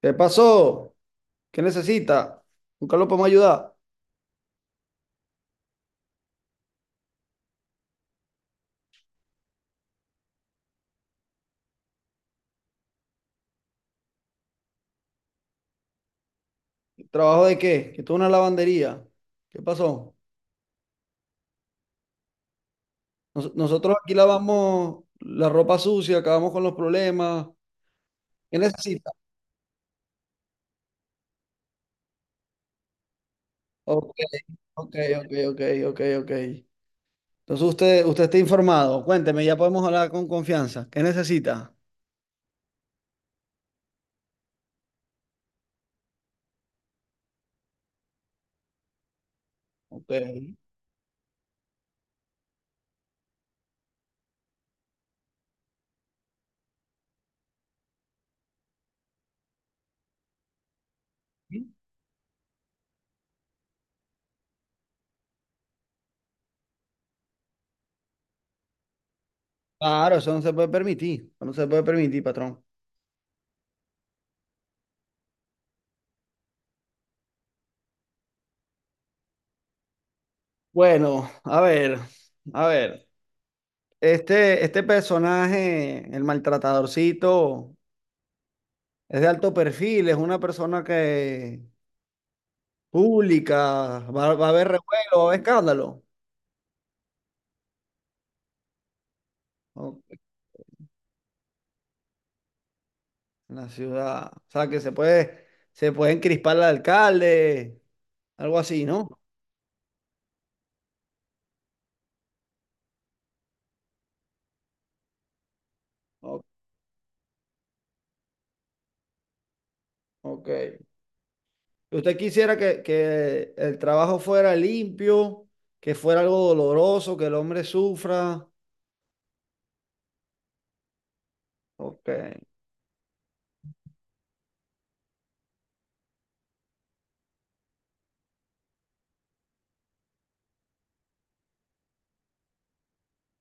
¿Qué pasó? ¿Qué necesita? Nunca lo podemos ayudar. ¿Trabajo de qué? Que esto es una lavandería. ¿Qué pasó? Nosotros aquí lavamos la ropa sucia, acabamos con los problemas. ¿Qué necesita? Ok, ok, ok, ok, ok, ok. Entonces usted está informado. Cuénteme, ya podemos hablar con confianza. ¿Qué necesita? Ok. Claro, eso no se puede permitir. Eso no se puede permitir, patrón. Bueno, a ver, a ver. Este personaje, el maltratadorcito, es de alto perfil, es una persona que pública, va a haber revuelo, va a haber escándalo, ¿no? En la ciudad. O sea, que se puede encrispar al alcalde, algo así, ¿no? O- ok. ¿Usted quisiera que el trabajo fuera limpio, que fuera algo doloroso, que el hombre sufra? Ok.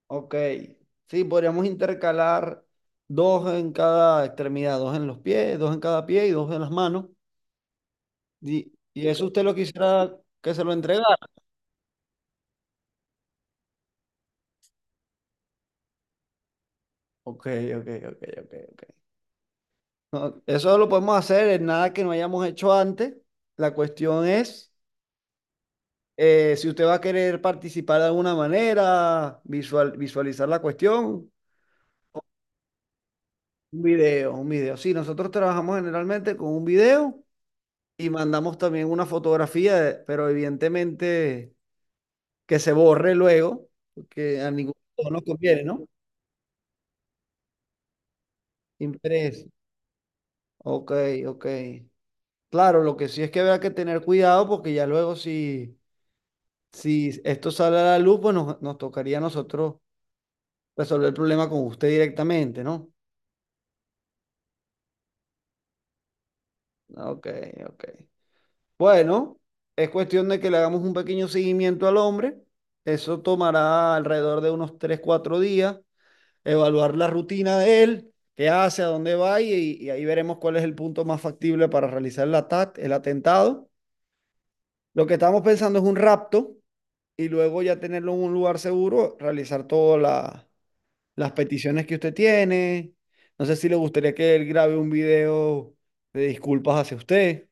Ok, sí, podríamos intercalar dos en cada extremidad, dos en los pies, dos en cada pie y dos en las manos. Y eso usted lo quisiera que se lo entregara. Ok, ok, ok, ok, ok. No, eso lo podemos hacer en nada que no hayamos hecho antes. La cuestión es si usted va a querer participar de alguna manera, visual, visualizar la cuestión. Un video, un video. Sí, nosotros trabajamos generalmente con un video y mandamos también una fotografía, pero evidentemente... que se borre luego, porque a ninguno de nos conviene, ¿no? Impreso. Ok, ok. Claro, lo que sí es que habrá que tener cuidado porque ya luego si esto sale a la luz, pues nos tocaría a nosotros resolver el problema con usted directamente, ¿no? Ok, ok. Bueno, es cuestión de que le hagamos un pequeño seguimiento al hombre. Eso tomará alrededor de unos 3 4 días. Evaluar la rutina de él, qué hace, a dónde va y ahí veremos cuál es el punto más factible para realizar el ataque, el atentado. Lo que estamos pensando es un rapto y luego ya tenerlo en un lugar seguro, realizar todas las peticiones que usted tiene. No sé si le gustaría que él grabe un video de disculpas hacia usted,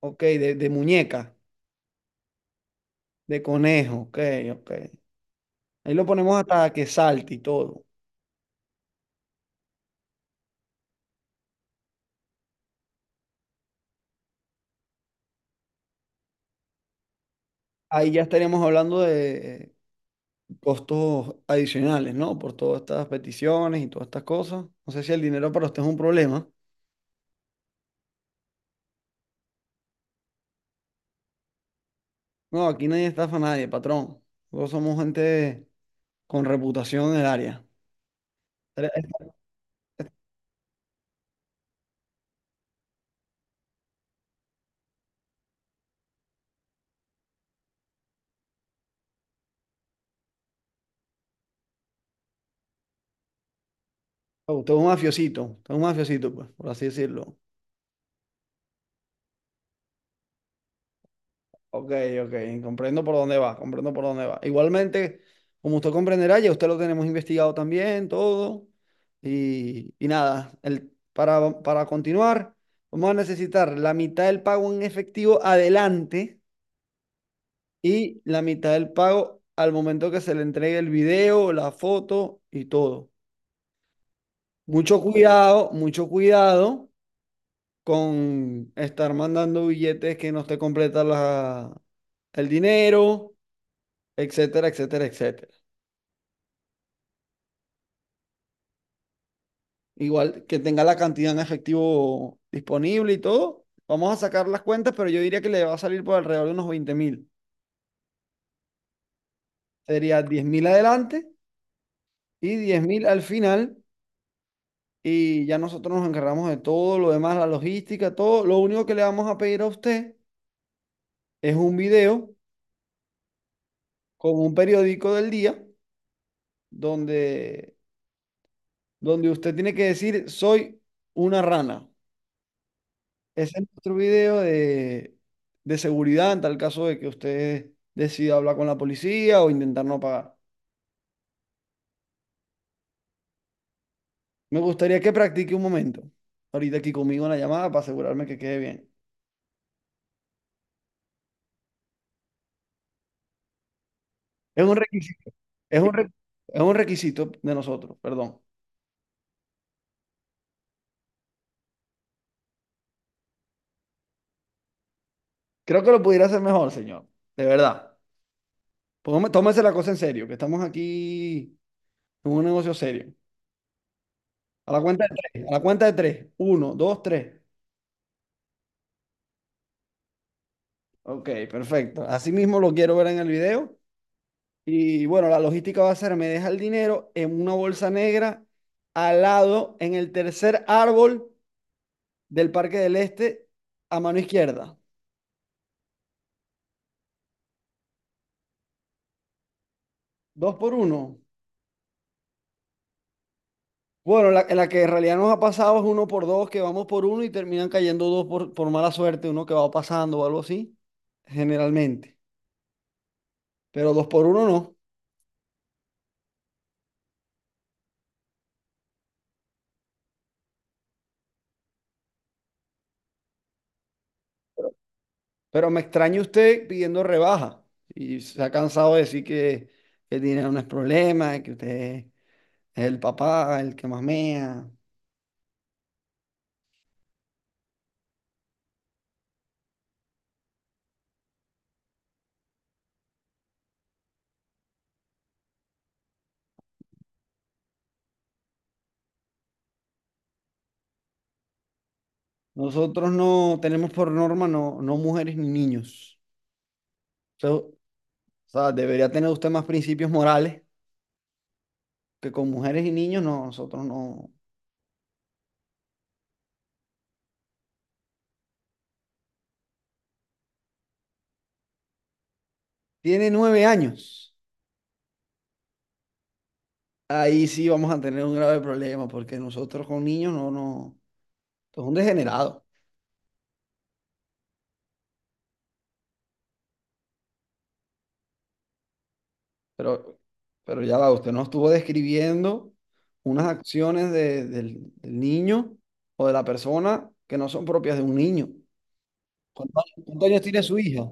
ok, de muñeca, de conejo, ok, ok. Ahí lo ponemos hasta que salte y todo. Ahí ya estaríamos hablando de costos adicionales, ¿no? Por todas estas peticiones y todas estas cosas. No sé si el dinero para usted es un problema. No, aquí nadie estafa a nadie, patrón. Nosotros somos gente con reputación en el área. Usted es usted es un mafiosito, usted es un mafiosito, pues, por así decirlo. Ok, ok, comprendo por dónde va, comprendo por dónde va. Igualmente, como usted comprenderá, ya usted lo tenemos investigado también, todo. Y nada, para continuar, vamos a necesitar la mitad del pago en efectivo adelante y la mitad del pago al momento que se le entregue el video, la foto y todo. Mucho cuidado con estar mandando billetes que no te completa el dinero, etcétera, etcétera, etcétera. Igual que tenga la cantidad en efectivo disponible y todo. Vamos a sacar las cuentas, pero yo diría que le va a salir por alrededor de unos 20.000. Sería 10.000 adelante y 10.000 al final y ya nosotros nos encargamos de todo lo demás, la logística, todo. Lo único que le vamos a pedir a usted es un video con un periódico del día donde, donde usted tiene que decir, soy una rana. Ese es nuestro video de seguridad en tal caso de que usted decida hablar con la policía o intentar no pagar. Me gustaría que practique un momento, ahorita aquí conmigo en la llamada para asegurarme que quede bien. Es un requisito, es un, re- es un requisito de nosotros, perdón. Creo que lo pudiera hacer mejor, señor. De verdad. Tómese la cosa en serio, que estamos aquí en un negocio serio. A la cuenta de tres. A la cuenta de tres. Uno, dos, tres. Ok, perfecto. Así mismo lo quiero ver en el video. Y bueno, la logística va a ser, me deja el dinero en una bolsa negra al lado, en el tercer árbol del Parque del Este, a mano izquierda. Dos por uno. Bueno, la que en realidad nos ha pasado es uno por dos, que vamos por uno y terminan cayendo dos por mala suerte, uno que va pasando o algo así, generalmente. Pero dos por uno no. Pero me extraña usted pidiendo rebaja y se ha cansado de decir que el dinero no es problema, que usted es el papá, el que mamea. Nosotros no tenemos por norma no, no mujeres ni niños. O sea, o sea, debería tener usted más principios morales que con mujeres y niños, no, nosotros no. Tiene 9 años. Ahí sí vamos a tener un grave problema porque nosotros con niños no, no, esto es un degenerado. Pero, pero ya va, usted nos estuvo describiendo unas acciones del niño o de la persona que no son propias de un niño. Cuántos años tiene su hija?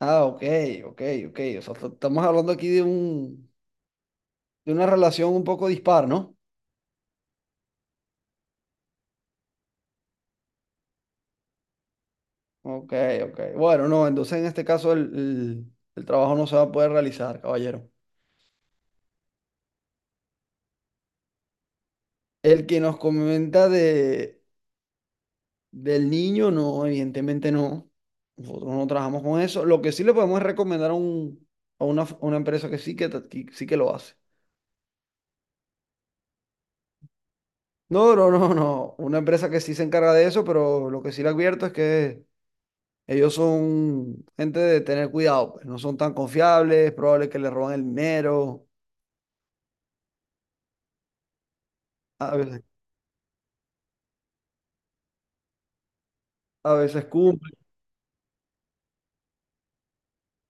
Ah, ok, ok, ok. O sea, estamos hablando aquí de una relación un poco dispar, ¿no? Ok, ok. Bueno, no, entonces en este caso el trabajo no se va a poder realizar, caballero. El que nos comenta de Del niño, no, evidentemente no. Nosotros no trabajamos con eso. Lo que sí le podemos es recomendar a una empresa que sí que, que sí que lo hace. No, no, no, no. Una empresa que sí se encarga de eso, pero lo que sí le advierto es que ellos son gente de tener cuidado, pues. No son tan confiables, es probable que le roban el dinero, a veces, a veces cumplen.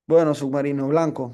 Bueno, submarino blanco.